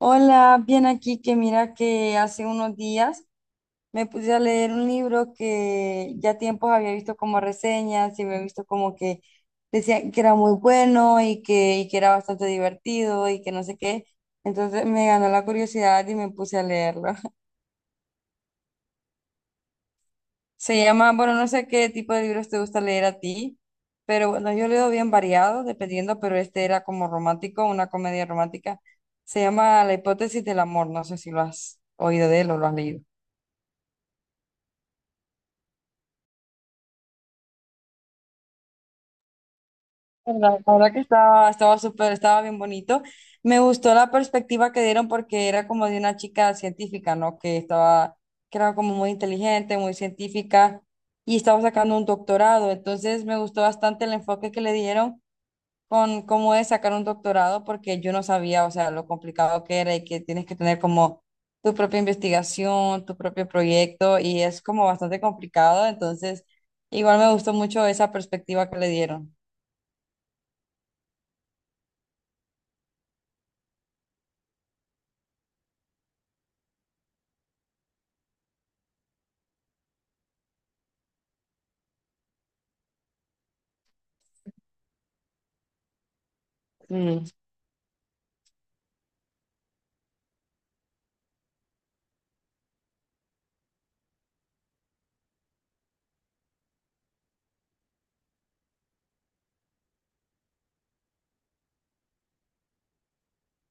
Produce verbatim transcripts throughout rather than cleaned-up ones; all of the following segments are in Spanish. Hola, bien aquí que mira que hace unos días me puse a leer un libro que ya tiempos había visto como reseñas y había visto como que decían que era muy bueno y que, y que era bastante divertido y que no sé qué. Entonces me ganó la curiosidad y me puse a leerlo. Se llama, bueno, no sé qué tipo de libros te gusta leer a ti, pero bueno, yo leo bien variado, dependiendo, pero este era como romántico, una comedia romántica. Se llama La hipótesis del amor, no sé si lo has oído de él o lo has leído. La la verdad que estaba, estaba súper, estaba bien bonito. Me gustó la perspectiva que dieron porque era como de una chica científica, ¿no? Que estaba, que era como muy inteligente, muy científica y estaba sacando un doctorado. Entonces me gustó bastante el enfoque que le dieron con cómo es sacar un doctorado porque yo no sabía, o sea, lo complicado que era y que tienes que tener como tu propia investigación, tu propio proyecto y es como bastante complicado. Entonces, igual me gustó mucho esa perspectiva que le dieron. Mm.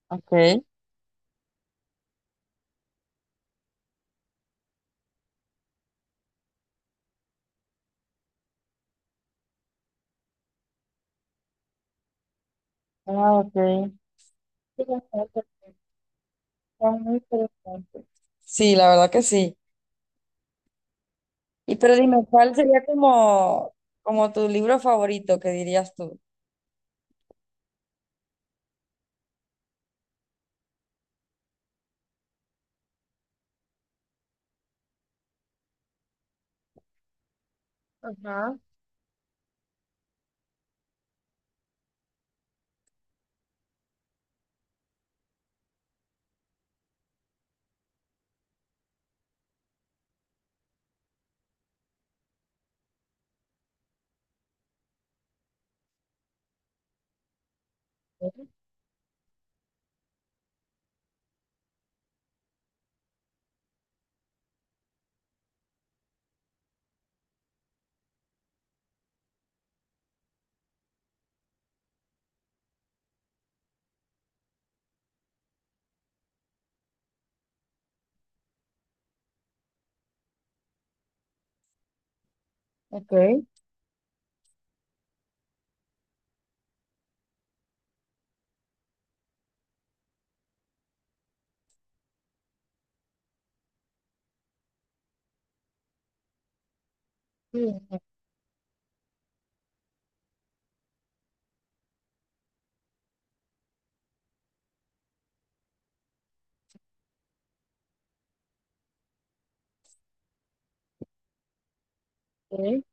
Okay. Ah, ok. Sí, bastante. Son muy interesantes. Sí, la verdad que sí. Y pero dime, ¿cuál sería como, como tu libro favorito que dirías tú? Ajá. Ok. Sí, ok.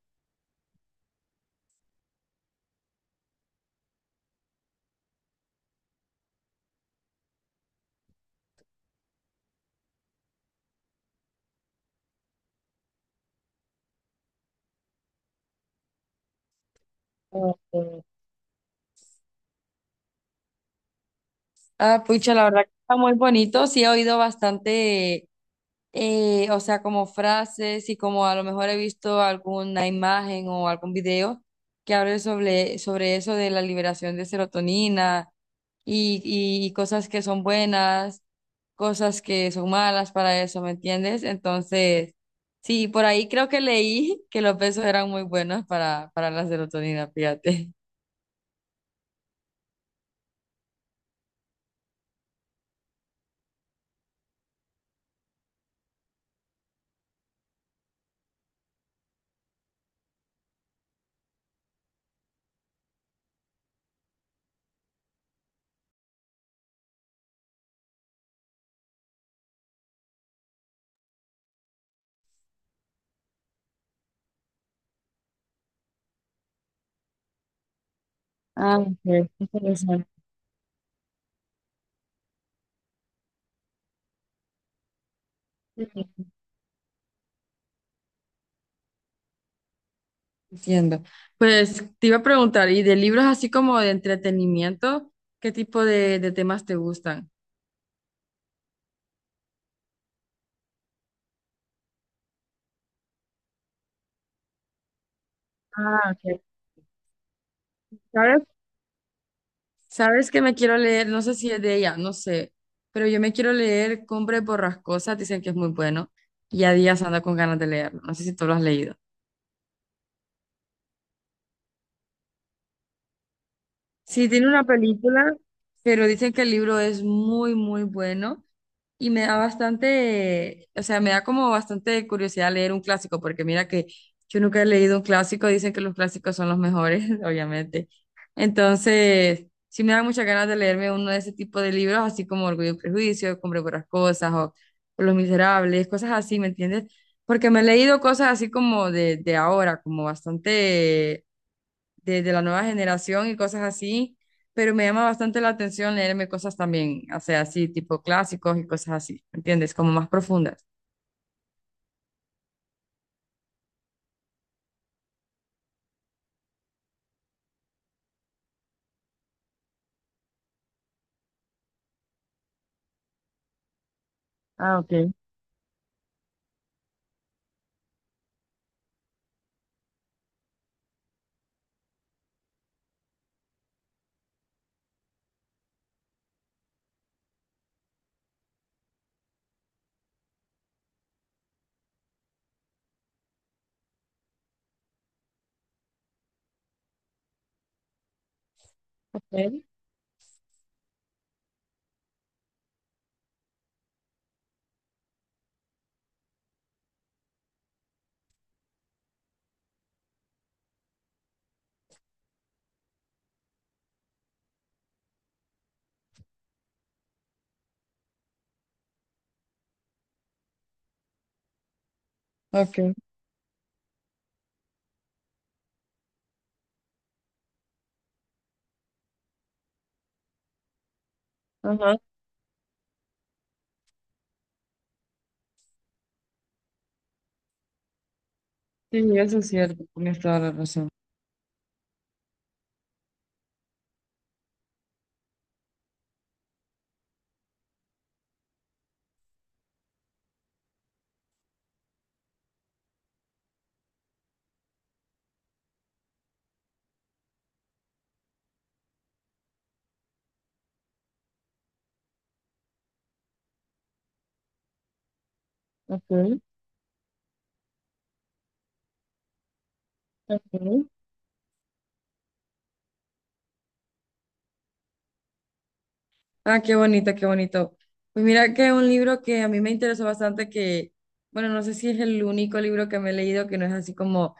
Este, ah, pucha, la verdad que está muy bonito. Sí, he oído bastante, eh, o sea, como frases y como a lo mejor he visto alguna imagen o algún video que hable sobre, sobre eso de la liberación de serotonina y, y, y cosas que son buenas, cosas que son malas para eso, ¿me entiendes? Entonces, sí, por ahí creo que leí que los besos eran muy buenos para, para la serotonina, fíjate. Ah, ok, interesante. Entiendo. Pues te iba a preguntar, ¿y de libros así como de entretenimiento, qué tipo de, de temas te gustan? Ah, ok. ¿Sabes? ¿Sabes que me quiero leer? No sé si es de ella, no sé, pero yo me quiero leer cumbre Borrascosas, dicen que es muy bueno, y a días anda con ganas de leerlo, no sé si tú lo has leído. Sí, tiene una película. Pero dicen que el libro es muy, muy bueno. Y me da bastante, o sea, me da como bastante curiosidad leer un clásico, porque mira que yo nunca he leído un clásico, dicen que los clásicos son los mejores, obviamente. Entonces, sí me da muchas ganas de leerme uno de ese tipo de libros, así como Orgullo y Prejuicio, Hombre por las Cosas, o, o Los Miserables, cosas así, ¿me entiendes? Porque me he leído cosas así como de, de ahora, como bastante de, de la nueva generación y cosas así, pero me llama bastante la atención leerme cosas también, o sea, así, tipo clásicos y cosas así, ¿entiendes? Como más profundas. Ah, ok. Ok. Ok. Ajá. Sí, eso es cierto. Tienes toda la razón. Ok. Ok. Ah, qué bonito, qué bonito. Pues mira que un libro que a mí me interesó bastante, que, bueno, no sé si es el único libro que me he leído que no es así como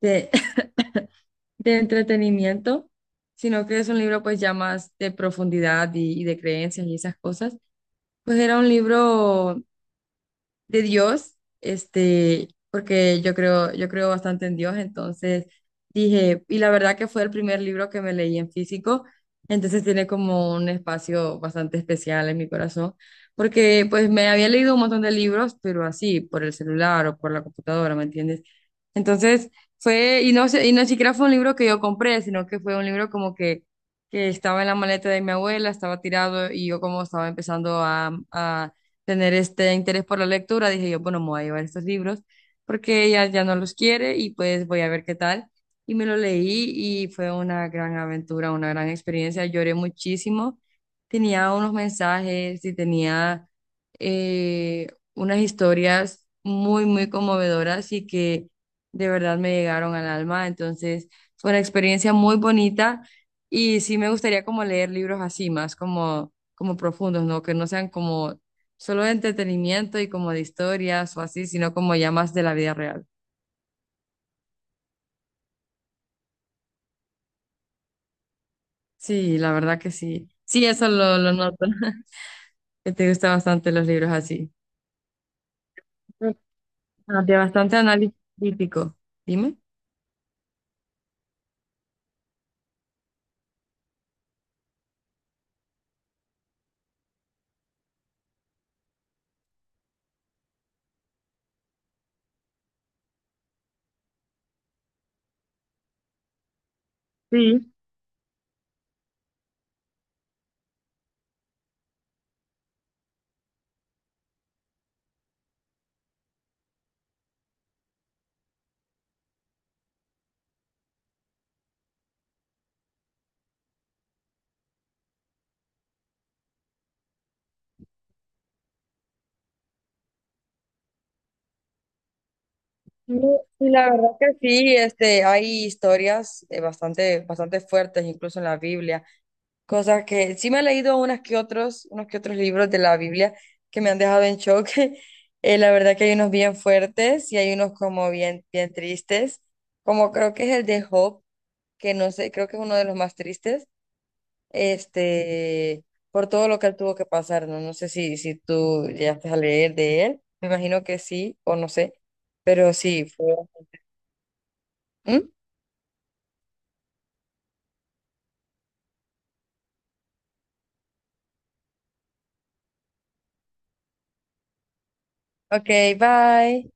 de, de entretenimiento, sino que es un libro pues ya más de profundidad y, y de creencias y esas cosas. Pues era un libro de Dios, este, porque yo creo, yo creo bastante en Dios, entonces dije, y la verdad que fue el primer libro que me leí en físico, entonces tiene como un espacio bastante especial en mi corazón, porque pues me había leído un montón de libros, pero así, por el celular o por la computadora, ¿me entiendes? Entonces fue, y no sé, y no siquiera fue un libro que yo compré, sino que fue un libro como que, que estaba en la maleta de mi abuela, estaba tirado y yo como estaba empezando a, a tener este interés por la lectura, dije yo, bueno, me voy a llevar estos libros porque ella ya no los quiere y pues voy a ver qué tal. Y me lo leí y fue una gran aventura, una gran experiencia, lloré muchísimo, tenía unos mensajes y tenía eh, unas historias muy, muy conmovedoras y que de verdad me llegaron al alma. Entonces, fue una experiencia muy bonita y sí me gustaría como leer libros así, más como, como profundos, ¿no? Que no sean como solo de entretenimiento y como de historias o así, sino como ya más de la vida real. Sí, la verdad que sí. Sí, eso lo, lo noto, que te gustan bastante los libros así. Ah, de bastante análisis crítico. Dime. Sí, sí, sí, la verdad que sí, este, hay historias eh, bastante, bastante fuertes, incluso en la Biblia. Cosas que sí me he leído unas que otros, unos que otros libros de la Biblia que me han dejado en shock. Eh, la verdad que hay unos bien fuertes y hay unos como bien, bien tristes, como creo que es el de Job, que no sé, creo que es uno de los más tristes, este, por todo lo que él tuvo que pasar, ¿no? No sé si, si tú llegaste a leer de él, me imagino que sí, o no sé, pero sí, fue. ¿Mm? Ok, bye.